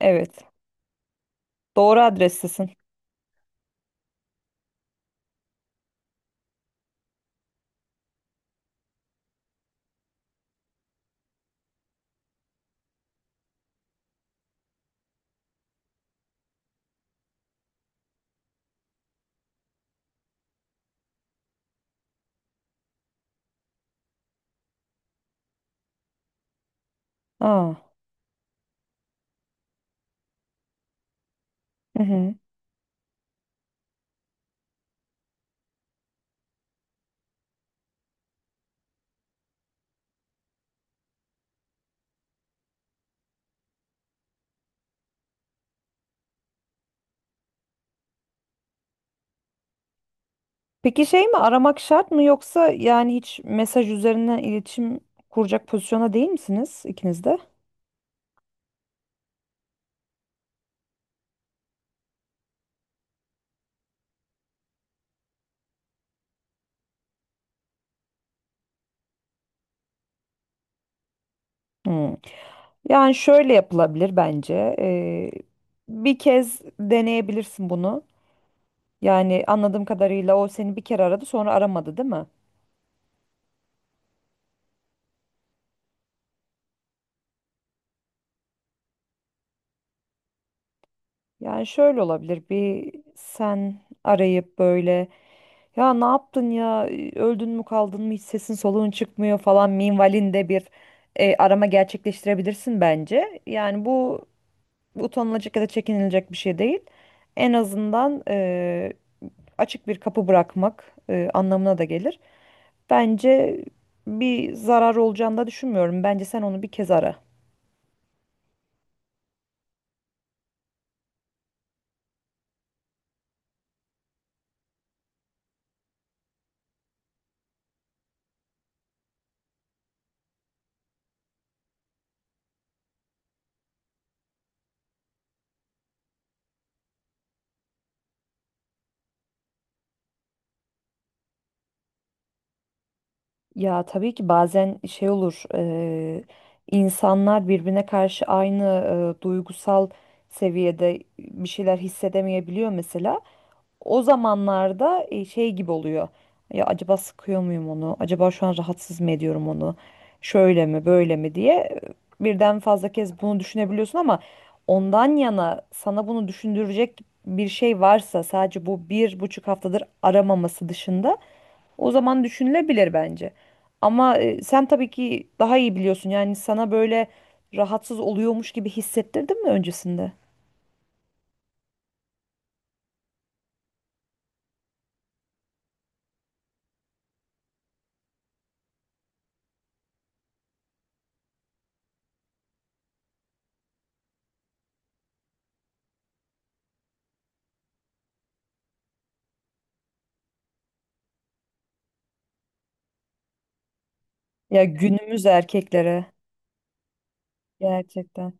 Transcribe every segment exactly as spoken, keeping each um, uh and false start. Evet. Doğru adrestesin. Aa. Hı hı. Peki şey mi aramak şart mı yoksa yani hiç mesaj üzerinden iletişim kuracak pozisyona değil misiniz ikiniz de? Hmm. Yani şöyle yapılabilir bence. Ee, bir kez deneyebilirsin bunu. Yani anladığım kadarıyla o seni bir kere aradı sonra aramadı değil mi? Yani şöyle olabilir bir sen arayıp böyle ya ne yaptın ya öldün mü kaldın mı hiç sesin soluğun çıkmıyor falan minvalinde bir e, arama gerçekleştirebilirsin bence. Yani bu utanılacak ya da çekinilecek bir şey değil. En azından e, açık bir kapı bırakmak e, anlamına da gelir. Bence bir zarar olacağını da düşünmüyorum. Bence sen onu bir kez ara. Ya tabii ki bazen şey olur eee, insanlar birbirine karşı aynı eee, duygusal seviyede bir şeyler hissedemeyebiliyor mesela. O zamanlarda e, şey gibi oluyor. Ya acaba sıkıyor muyum onu? Acaba şu an rahatsız mı ediyorum onu? Şöyle mi, böyle mi diye e, birden fazla kez bunu düşünebiliyorsun ama ondan yana sana bunu düşündürecek bir şey varsa sadece bu bir buçuk haftadır aramaması dışında. O zaman düşünülebilir bence. Ama e, sen tabii ki daha iyi biliyorsun. Yani sana böyle rahatsız oluyormuş gibi hissettirdin mi öncesinde? Ya günümüz erkeklere gerçekten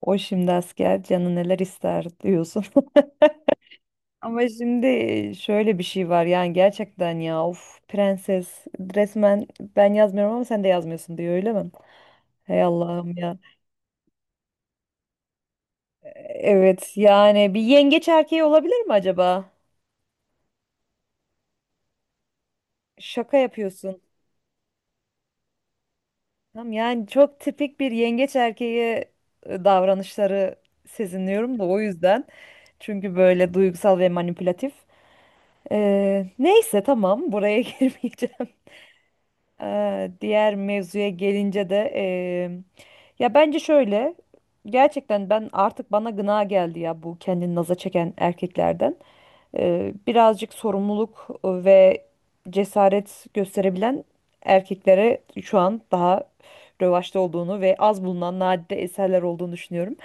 o şimdi asker canı neler ister diyorsun. Ama şimdi e, şöyle bir şey var yani gerçekten ya of prenses resmen ben yazmıyorum ama sen de yazmıyorsun diyor öyle mi? Hey Allah'ım ya. E, Evet yani bir yengeç erkeği olabilir mi acaba? Şaka yapıyorsun. Tam yani çok tipik bir yengeç erkeği e, davranışları sezinliyorum da o yüzden. Çünkü böyle duygusal ve manipülatif. Ee, neyse tamam buraya girmeyeceğim. Ee, diğer mevzuya gelince de eee, ya bence şöyle gerçekten ben artık bana gına geldi ya bu kendini naza çeken erkeklerden. Ee, birazcık sorumluluk ve cesaret gösterebilen erkeklere şu an daha rövaşta olduğunu ve az bulunan nadide eserler olduğunu düşünüyorum.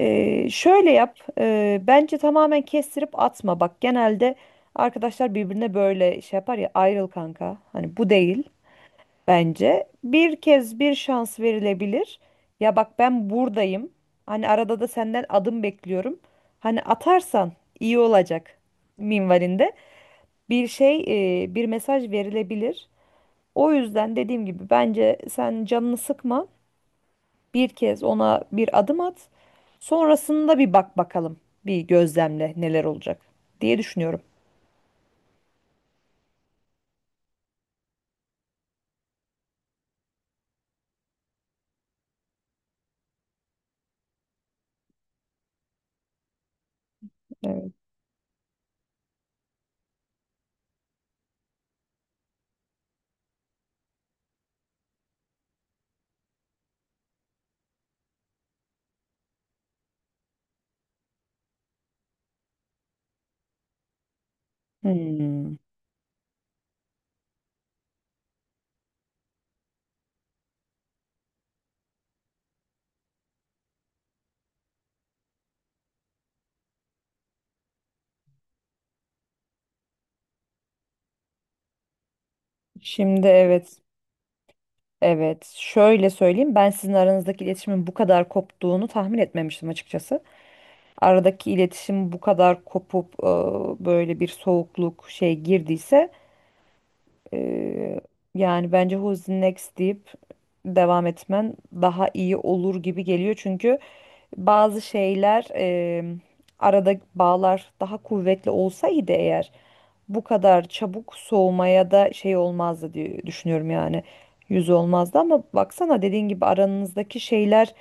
Ee, şöyle yap. e, bence tamamen kestirip atma. Bak genelde arkadaşlar birbirine böyle şey yapar ya ayrıl kanka. Hani bu değil bence. Bir kez bir şans verilebilir. Ya bak ben buradayım. Hani arada da senden adım bekliyorum. Hani atarsan iyi olacak minvalinde. Bir şey, e, bir mesaj verilebilir. O yüzden dediğim gibi bence sen canını sıkma. Bir kez ona bir adım at. Sonrasında bir bak bakalım. Bir gözlemle neler olacak diye düşünüyorum. Evet. Hmm. Şimdi evet. Evet, şöyle söyleyeyim. Ben sizin aranızdaki iletişimin bu kadar koptuğunu tahmin etmemiştim açıkçası. Aradaki iletişim bu kadar kopup e, böyle bir soğukluk şey girdiyse e, yani bence Who's Next deyip devam etmen daha iyi olur gibi geliyor. Çünkü bazı şeyler eee, arada bağlar daha kuvvetli olsaydı eğer bu kadar çabuk soğumaya da şey olmazdı diye düşünüyorum yani yüz olmazdı ama baksana dediğin gibi aranızdaki şeyler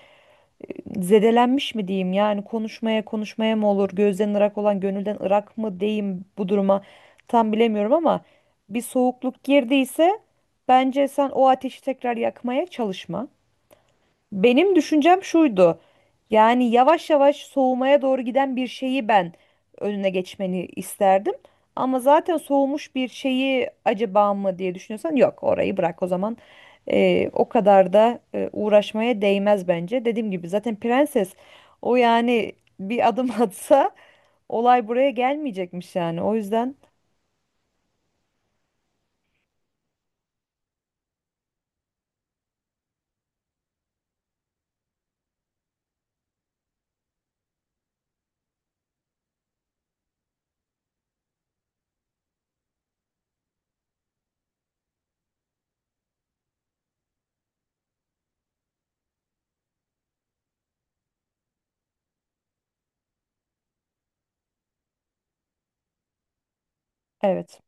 e, zedelenmiş mi diyeyim yani konuşmaya konuşmaya mı olur gözden ırak olan gönülden ırak mı diyeyim bu duruma tam bilemiyorum ama bir soğukluk girdiyse bence sen o ateşi tekrar yakmaya çalışma. Benim düşüncem şuydu. Yani yavaş yavaş soğumaya doğru giden bir şeyi ben önüne geçmeni isterdim. Ama zaten soğumuş bir şeyi acaba mı diye düşünüyorsan yok orayı bırak o zaman. Ee, o kadar da e, uğraşmaya değmez bence. Dediğim gibi zaten prenses o yani bir adım atsa olay buraya gelmeyecekmiş yani. O yüzden evet.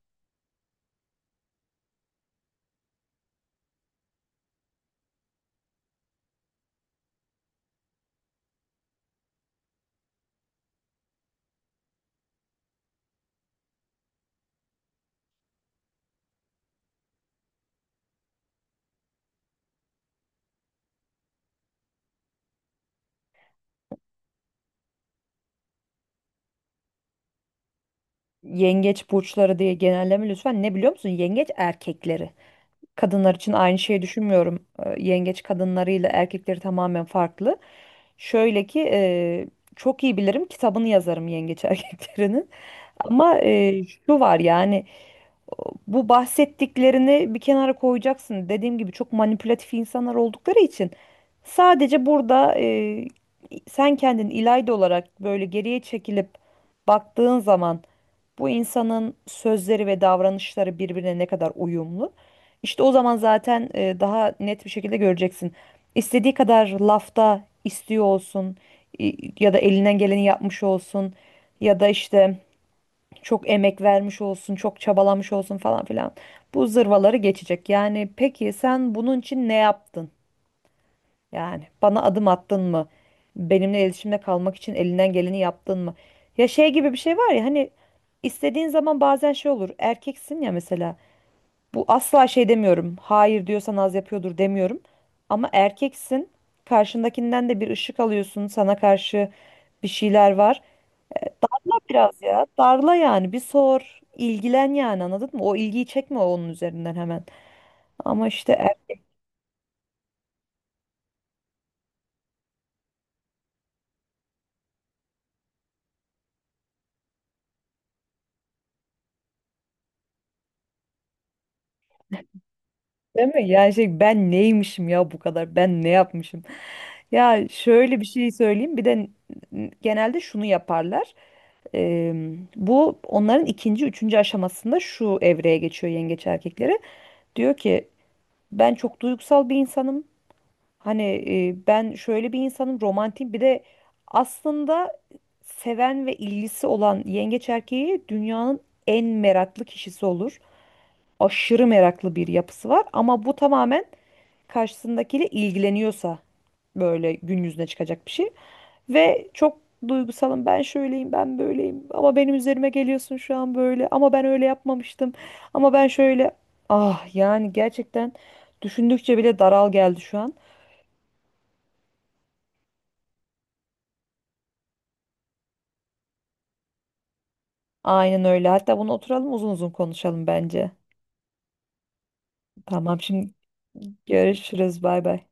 Yengeç burçları diye genelleme lütfen ne biliyor musun? Yengeç erkekleri, kadınlar için aynı şeyi düşünmüyorum. E, Yengeç kadınlarıyla erkekleri tamamen farklı. Şöyle ki e, çok iyi bilirim kitabını yazarım yengeç erkeklerinin. Ama e, şu var yani bu bahsettiklerini bir kenara koyacaksın. Dediğim gibi çok manipülatif insanlar oldukları için sadece burada e, sen kendin İlayda olarak böyle geriye çekilip baktığın zaman bu insanın sözleri ve davranışları birbirine ne kadar uyumlu? İşte o zaman zaten e, daha net bir şekilde göreceksin. İstediği kadar lafta istiyor olsun i- ya da elinden geleni yapmış olsun ya da işte çok emek vermiş olsun, çok çabalamış olsun falan filan. Bu zırvaları geçecek. Yani peki sen bunun için ne yaptın? Yani bana adım attın mı? Benimle iletişimde kalmak için elinden geleni yaptın mı? Ya şey gibi bir şey var ya hani istediğin zaman bazen şey olur. Erkeksin ya mesela. Bu asla şey demiyorum. Hayır diyorsan az yapıyordur demiyorum. Ama erkeksin. Karşındakinden de bir ışık alıyorsun. Sana karşı bir şeyler var. Ama biraz ya darla yani bir sor, ilgilen yani anladın mı? O ilgiyi çekme onun üzerinden hemen. Ama işte. Değil mi? Yani şey ben neymişim ya bu kadar? Ben ne yapmışım? Ya şöyle bir şey söyleyeyim. Bir de n- genelde şunu yaparlar. Eee, bu onların ikinci, üçüncü aşamasında şu evreye geçiyor yengeç erkekleri. Diyor ki ben çok duygusal bir insanım. Hani e, ben şöyle bir insanım, romantik bir de aslında seven ve ilgisi olan yengeç erkeği dünyanın en meraklı kişisi olur. Aşırı meraklı bir yapısı var ama bu tamamen karşısındakiyle ilgileniyorsa böyle gün yüzüne çıkacak bir şey. Ve çok duygusalım ben şöyleyim ben böyleyim ama benim üzerime geliyorsun şu an böyle ama ben öyle yapmamıştım ama ben şöyle ah yani gerçekten düşündükçe bile daral geldi şu an. Aynen öyle hatta bunu oturalım uzun uzun konuşalım bence. Tamam şimdi görüşürüz bay bay.